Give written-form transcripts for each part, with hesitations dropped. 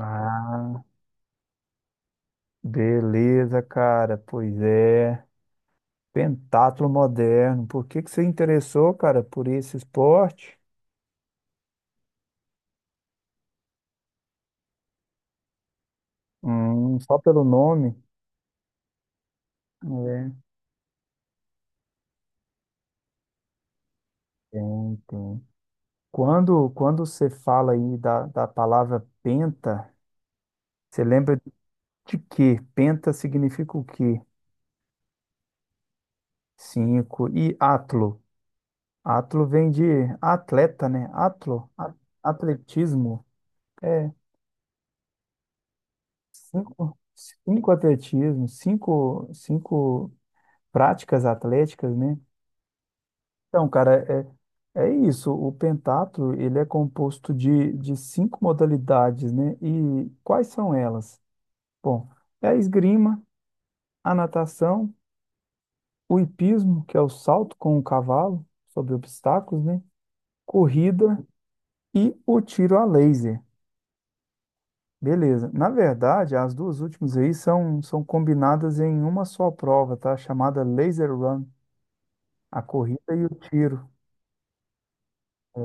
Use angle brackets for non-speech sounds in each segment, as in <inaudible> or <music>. Ah, beleza, cara. Pois é. Pentatlo moderno. Por que você interessou, cara, por esse esporte? Só pelo nome? É. Tem, tem. Quando você fala aí da palavra penta, você lembra de quê? Penta significa o quê? Cinco. E atlo? Atlo vem de atleta, né? Atletismo. É. Cinco, cinco atletismo, cinco, cinco práticas atléticas, né? Então, cara, é isso. O pentatlo, ele é composto de cinco modalidades, né? E quais são elas? Bom, é a esgrima, a natação, o hipismo, que é o salto com o cavalo sobre obstáculos, né? Corrida e o tiro a laser. Beleza. Na verdade, as duas últimas aí são combinadas em uma só prova, tá? Chamada Laser Run. A corrida e o tiro. É,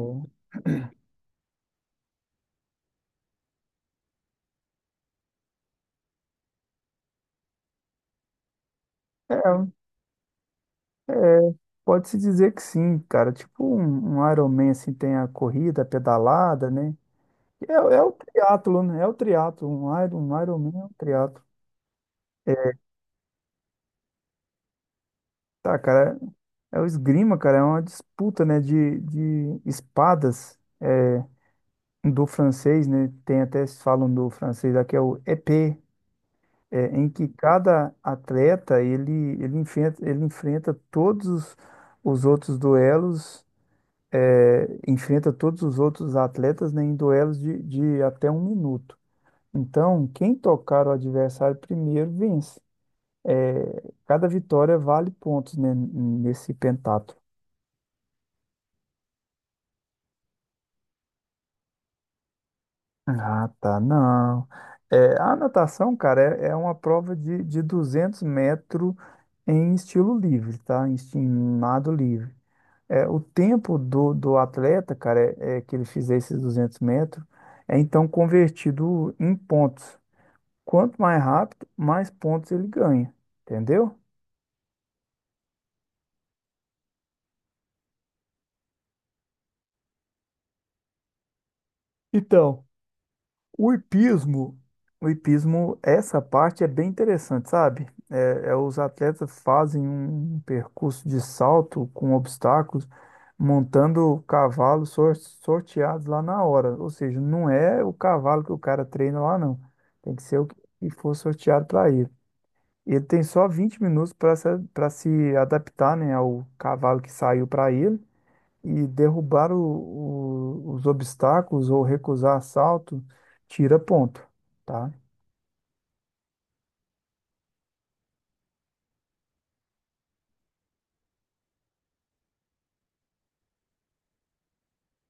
é, é, Pode-se dizer que sim, cara. Tipo um Iron Man, assim, tem a corrida, a pedalada, né? É, é o triatlo, né? É o triatlo. Um Iron Man é um triatlo. Tá, cara, é o esgrima, cara. É uma disputa, né, de espadas é, do francês, né? Tem até, se falam do francês aqui, é o épée, é, em que cada atleta, ele enfrenta todos os outros duelos enfrenta todos os outros atletas, né, em duelos de até um minuto. Então, quem tocar o adversário primeiro vence. Cada vitória vale pontos, né, nesse pentatlo. Ah, tá, não. A natação, cara, é uma prova de 200 metros em estilo livre, tá? Em nado livre. É, o tempo do atleta, cara, é que ele fizer esses 200 metros, é então convertido em pontos. Quanto mais rápido, mais pontos ele ganha, entendeu? Então, o hipismo, o hipismo, essa parte é bem interessante, sabe? É os atletas fazem um um percurso de salto com obstáculos, montando cavalos sorteados lá na hora. Ou seja, não é o cavalo que o cara treina lá, não. Tem que ser o que que for sorteado para ele. Ele tem só 20 minutos para se adaptar, né, ao cavalo que saiu para ele e derrubar os obstáculos, ou recusar assalto tira ponto, tá?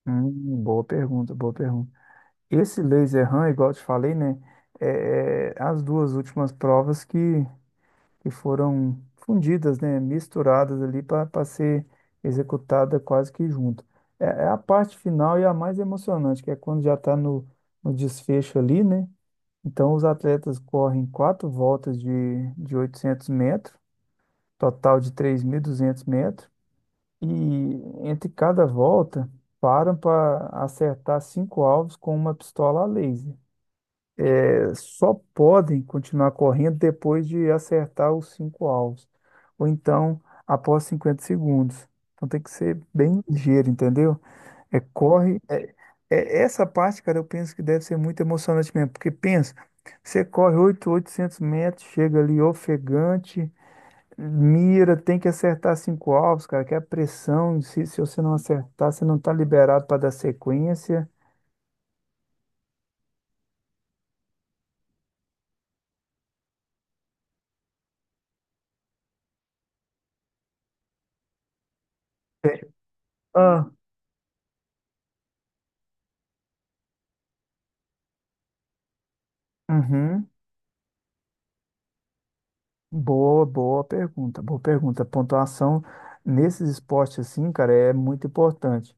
Boa pergunta, boa pergunta. Esse laser run, igual eu te falei, né? É, é as duas últimas provas que foram fundidas, né? Misturadas ali para ser executada quase que junto. É, é a parte final e a mais emocionante, que é quando já está no desfecho ali, né? Então, os atletas correm quatro voltas de 800 metros, total de 3.200 metros, e entre cada volta param para acertar cinco alvos com uma pistola a laser. Só podem continuar correndo depois de acertar os cinco alvos, ou então após 50 segundos. Então tem que ser bem ligeiro, entendeu? É corre. É, essa parte, cara, eu penso que deve ser muito emocionante mesmo, porque pensa, você corre 800 metros, chega ali ofegante. Mira, tem que acertar cinco alvos, cara, que é a pressão. Se você não acertar, você não tá liberado para dar sequência. É, ah, uhum. Boa, boa pergunta, boa pergunta. Pontuação nesses esportes assim, cara, é muito importante.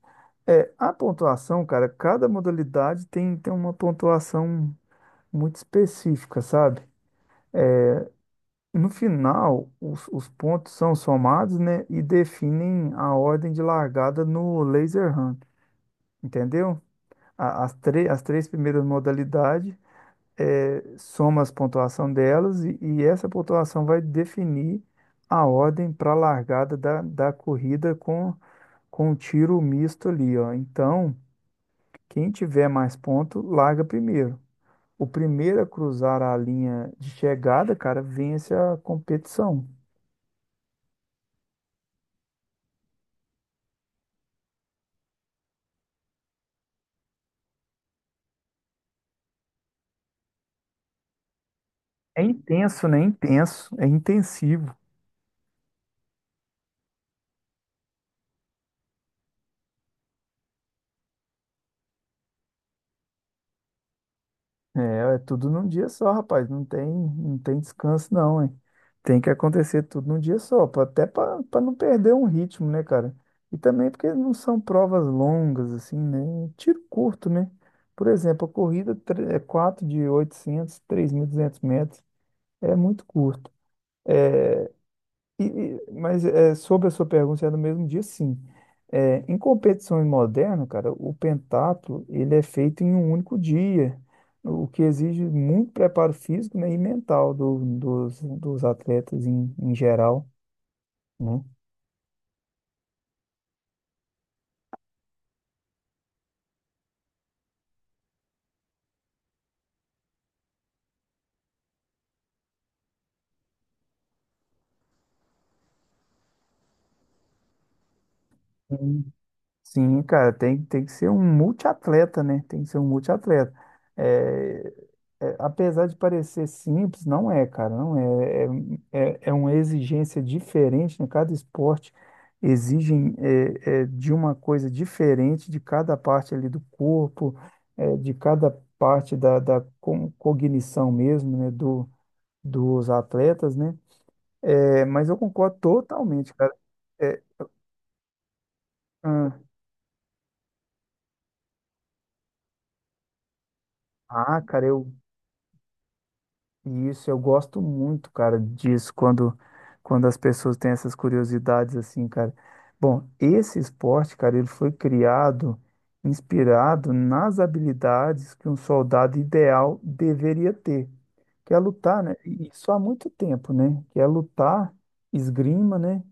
É, a pontuação, cara, cada modalidade tem, tem uma pontuação muito específica, sabe? No final, os pontos são somados, né, e definem a ordem de largada no laser hunt, entendeu? As três primeiras modalidades, soma as pontuação delas e essa pontuação vai definir a ordem para a largada da corrida com um tiro misto ali, ó. Então, quem tiver mais ponto, larga primeiro. O primeiro a cruzar a linha de chegada, cara, vence a competição. É intenso, né? Intenso, é intensivo. É, é tudo num dia só, rapaz. Não tem, não tem descanso, não, hein? Tem que acontecer tudo num dia só, até para não perder um ritmo, né, cara? E também porque não são provas longas, assim, né? Tiro curto, né? Por exemplo, a corrida é 4 de 800, duzentos metros. É muito curto. Mas é, sobre a sua pergunta, se é no mesmo dia, sim. É, em competições modernas, cara, o pentatlo ele é feito em um único dia, o que exige muito preparo físico, né, e mental dos, dos atletas em, em geral, né? Sim, sim, cara, tem, tem que ser um multiatleta, né? Tem que ser um multiatleta. É, é, apesar de parecer simples, não é, cara, não é. É uma exigência diferente, né? Cada esporte exige é, é, de uma coisa diferente de cada parte ali do corpo, é, de cada parte da cognição mesmo, né? Do, dos atletas, né? É, mas eu concordo totalmente, cara. É, ah, ah, cara, eu e Isso, eu gosto muito, cara, disso, quando as pessoas têm essas curiosidades assim, cara. Bom, esse esporte, cara, ele foi criado, inspirado nas habilidades que um soldado ideal deveria ter, que é lutar, né? E isso há muito tempo, né? Que é lutar, esgrima, né?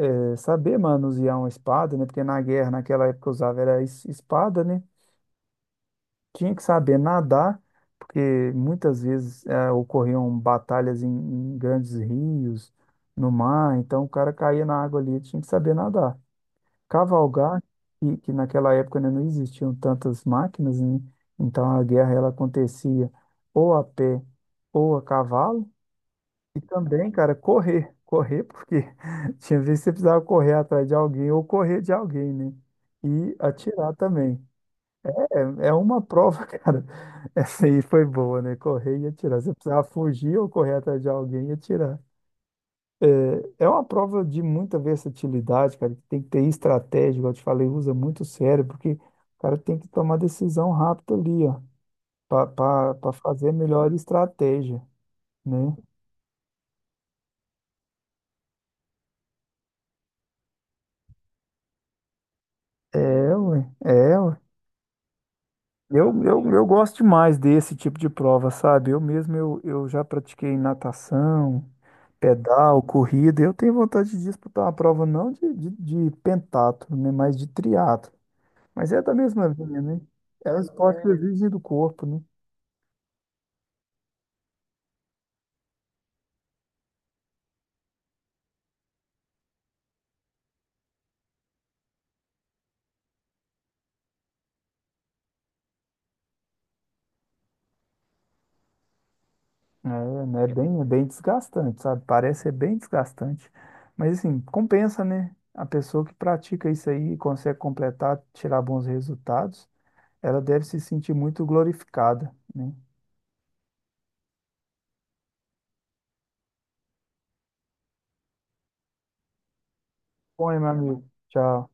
É saber manusear uma espada, né? Porque na guerra, naquela época, usava espada, né? Tinha que saber nadar, porque muitas vezes ocorriam batalhas em, em grandes rios, no mar, então o cara caía na água ali, tinha que saber nadar. Cavalgar, que naquela época ainda não existiam tantas máquinas, né? Então a guerra ela acontecia ou a pé ou a cavalo, e também, cara, correr. Correr, porque <laughs> tinha vezes que você precisava correr atrás de alguém ou correr de alguém, né? E atirar também. É, é uma prova, <laughs> cara. Essa aí foi boa, né? Correr e atirar. Você precisava fugir ou correr atrás de alguém e atirar. É, é uma prova de muita versatilidade, cara. Que Tem que ter estratégia, igual eu te falei, usa muito o cérebro, porque o cara tem que tomar decisão rápida ali, ó, para fazer a melhor estratégia, né? É, ué, é, ué. Eu gosto demais desse tipo de prova, sabe? Eu mesmo, eu já pratiquei natação, pedal, corrida. Eu tenho vontade de disputar uma prova não de pentatlo, né, mas de triatlo. Mas é da mesma linha, né? É um esporte que exige do corpo, né? É, né? É bem desgastante, sabe? Parece ser bem desgastante. Mas assim, compensa, né? A pessoa que pratica isso aí e consegue completar, tirar bons resultados, ela deve se sentir muito glorificada, né? Bom, hein, meu amigo. Tchau.